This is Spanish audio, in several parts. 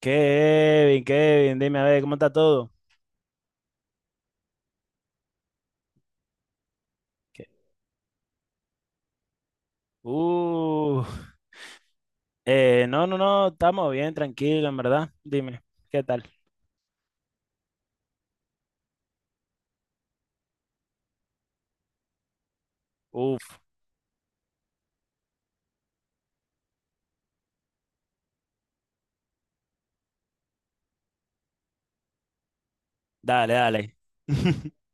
Kevin, Kevin, dime a ver, ¿cómo está todo? ¿Qué? Uh, no, estamos bien, tranquilo, en verdad. Dime, ¿qué tal? Uf, dale, dale.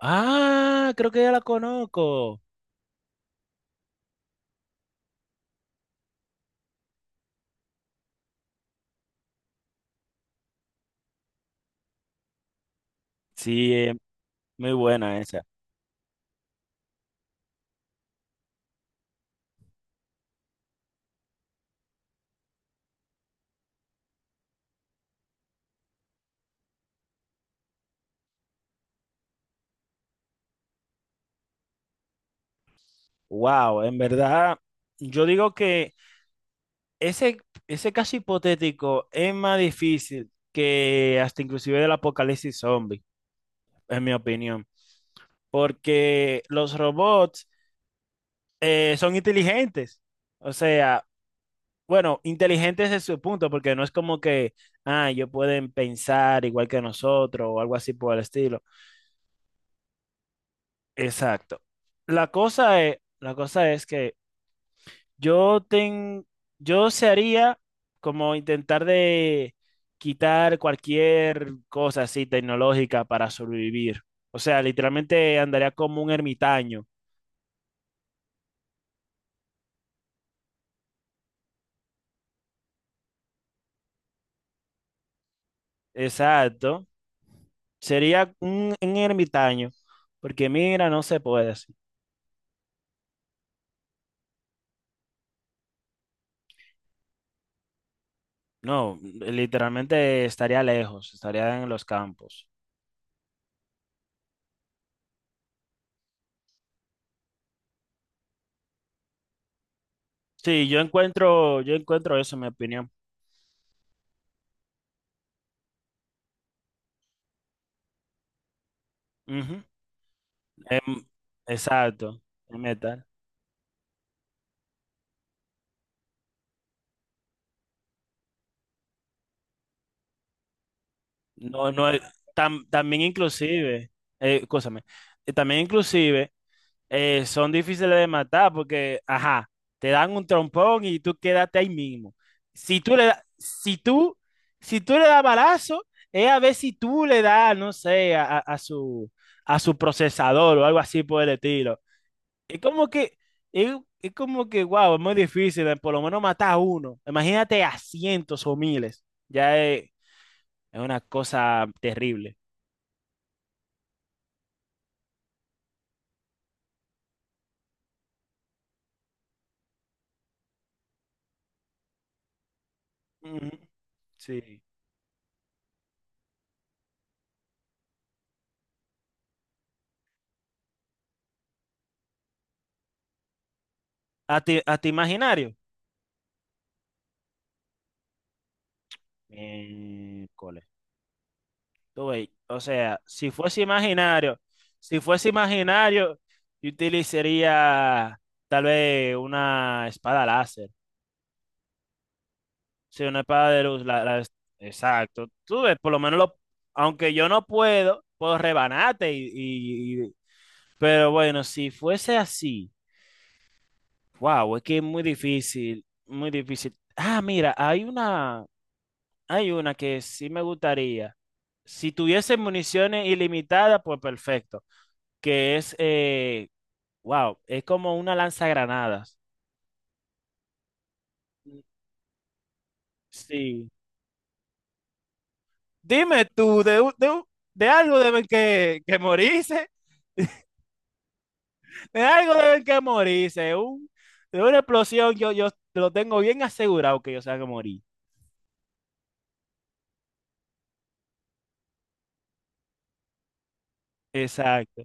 Ah, creo que ya la conozco. Sí, muy buena esa. Wow, en verdad, yo digo que ese, ese caso hipotético es más difícil que hasta inclusive del apocalipsis zombie, en mi opinión. Porque los robots son inteligentes. O sea, bueno, inteligentes es su punto, porque no es como que, ah, ellos pueden pensar igual que nosotros o algo así por el estilo. Exacto. La cosa es que yo ten, yo se haría como intentar de quitar cualquier cosa así tecnológica para sobrevivir. O sea, literalmente andaría como un ermitaño. Exacto. Sería un ermitaño, porque mira, no se puede así. No, literalmente estaría lejos, estaría en los campos. Sí, yo encuentro eso en mi opinión. Ujú. Em, exacto, el metal. No, no, tam- también inclusive, escúchame, también inclusive son difíciles de matar porque, ajá, te dan un trompón y tú quédate ahí mismo. Si tú le, da- si tú, si tú le das balazo, es a ver si tú le das, no sé, a a su procesador o algo así por el estilo. Es como que, es, es como que, wow, es muy difícil, por lo menos matar a uno. Imagínate a cientos o miles. Es una cosa terrible. Ujú, sí. A ti imaginario? Miércoles. Tú ves. O sea, si fuese imaginario, yo utilizaría tal vez una espada láser. Sí, una espada de luz. Exacto. Tú ves, por lo menos, aunque yo no puedo, puedo rebanarte. Pero bueno, si fuese así, wow, es que es muy difícil, muy difícil. Ah, mira, hay una que sí me gustaría. Si tuviese municiones ilimitadas, pues perfecto. Que es, wow, es como una lanzagranadas. Sí. Dime tú, de, un- de, un- de algo deben que morirse, de algo deben que morirse, de una explosión yo lo tengo bien asegurado que yo se que morir. Exacto,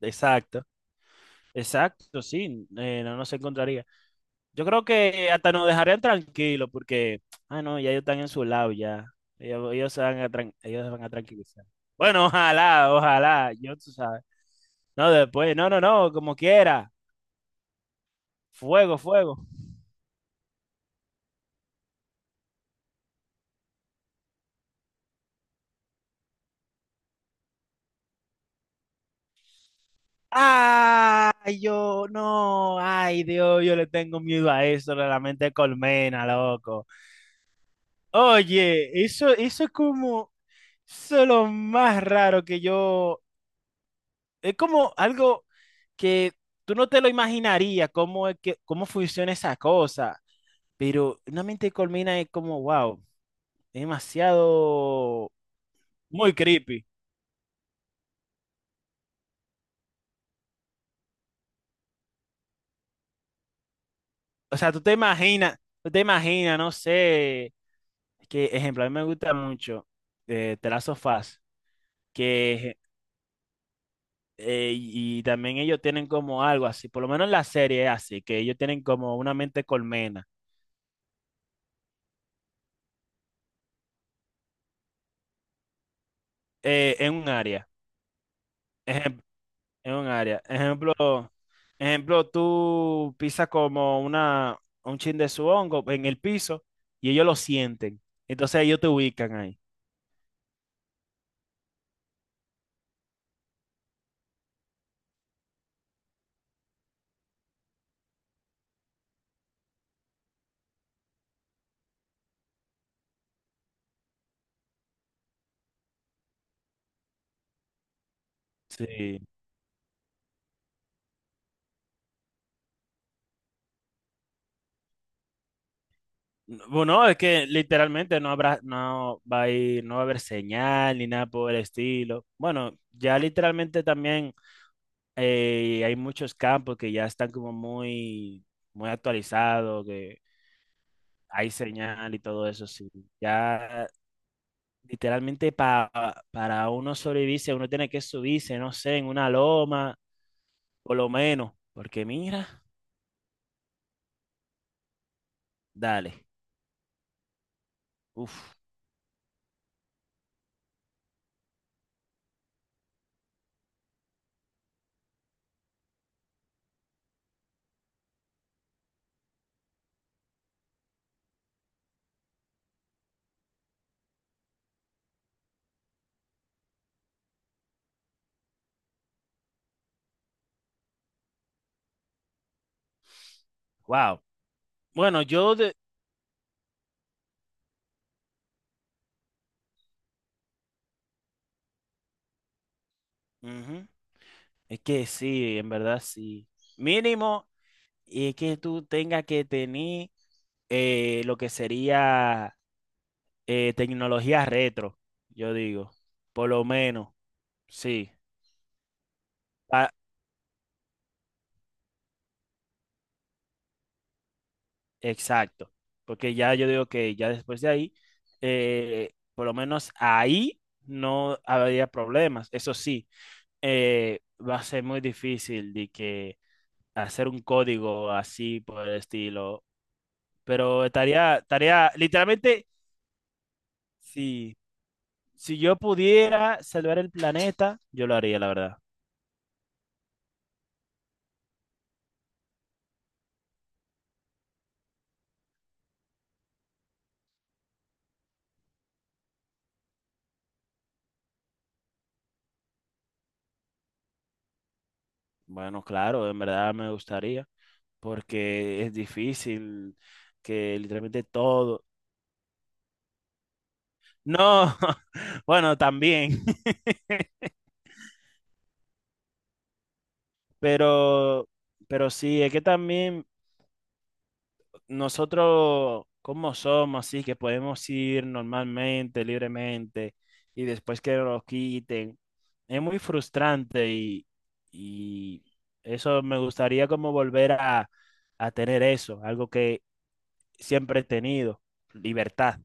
exacto, exacto, sí, no, no se encontraría. Yo creo que hasta nos dejarían tranquilos porque, ah, no, ya ellos están en su lado ya. Ellos se van a tranquilizar. Bueno, ojalá, ojalá, yo tú sabes. No, después, no, no, no, como quiera. Fuego, fuego. Ay, yo no, ay Dios, yo le tengo miedo a eso, la mente de colmena, loco. Oye, eso es como, eso es lo más raro que yo, es como algo que tú no te lo imaginarías cómo es que, cómo funciona esa cosa, pero una mente de colmena es como, wow, es demasiado muy creepy. O sea, tú te imaginas, no sé, que ejemplo, a mí me gusta mucho The Last of Us, que y también ellos tienen como algo así, por lo menos en la serie es así, que ellos tienen como una mente colmena en un área. En un área. Ejemplo, tú pisas como un chin de su hongo en el piso y ellos lo sienten. Entonces ellos te ubican ahí. Sí. Bueno, es que literalmente no va a haber señal ni nada por el estilo. Bueno, ya literalmente también hay muchos campos que ya están como muy actualizados, que hay señal y todo eso, sí. Ya literalmente para uno sobrevivirse, uno tiene que subirse, no sé, en una loma, por lo menos, porque mira, dale, uf, wow. Bueno, yo de... Ujú. Es que sí, en verdad sí. Mínimo, y es que tú tengas que tener lo que sería tecnología retro, yo digo, por lo menos, sí. Exacto, porque ya yo digo que ya después de ahí, por lo menos ahí no habría problemas. Eso sí, va a ser muy difícil de que hacer un código así por el estilo, pero estaría, literalmente, si, si yo pudiera salvar el planeta, yo lo haría, la verdad. Bueno, claro, en verdad me gustaría, porque es difícil que literalmente todo... No, bueno, también. Pero, pero sí, es que también nosotros, como somos, así que podemos ir normalmente, libremente, y después que nos quiten, es muy frustrante y eso me gustaría como volver a tener eso, algo que siempre he tenido, libertad.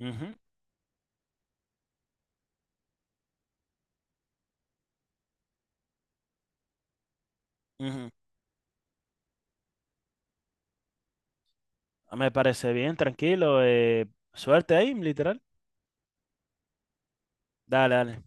Ujú, ujú. Me parece bien, tranquilo, suerte ahí, literal. Dale, dale.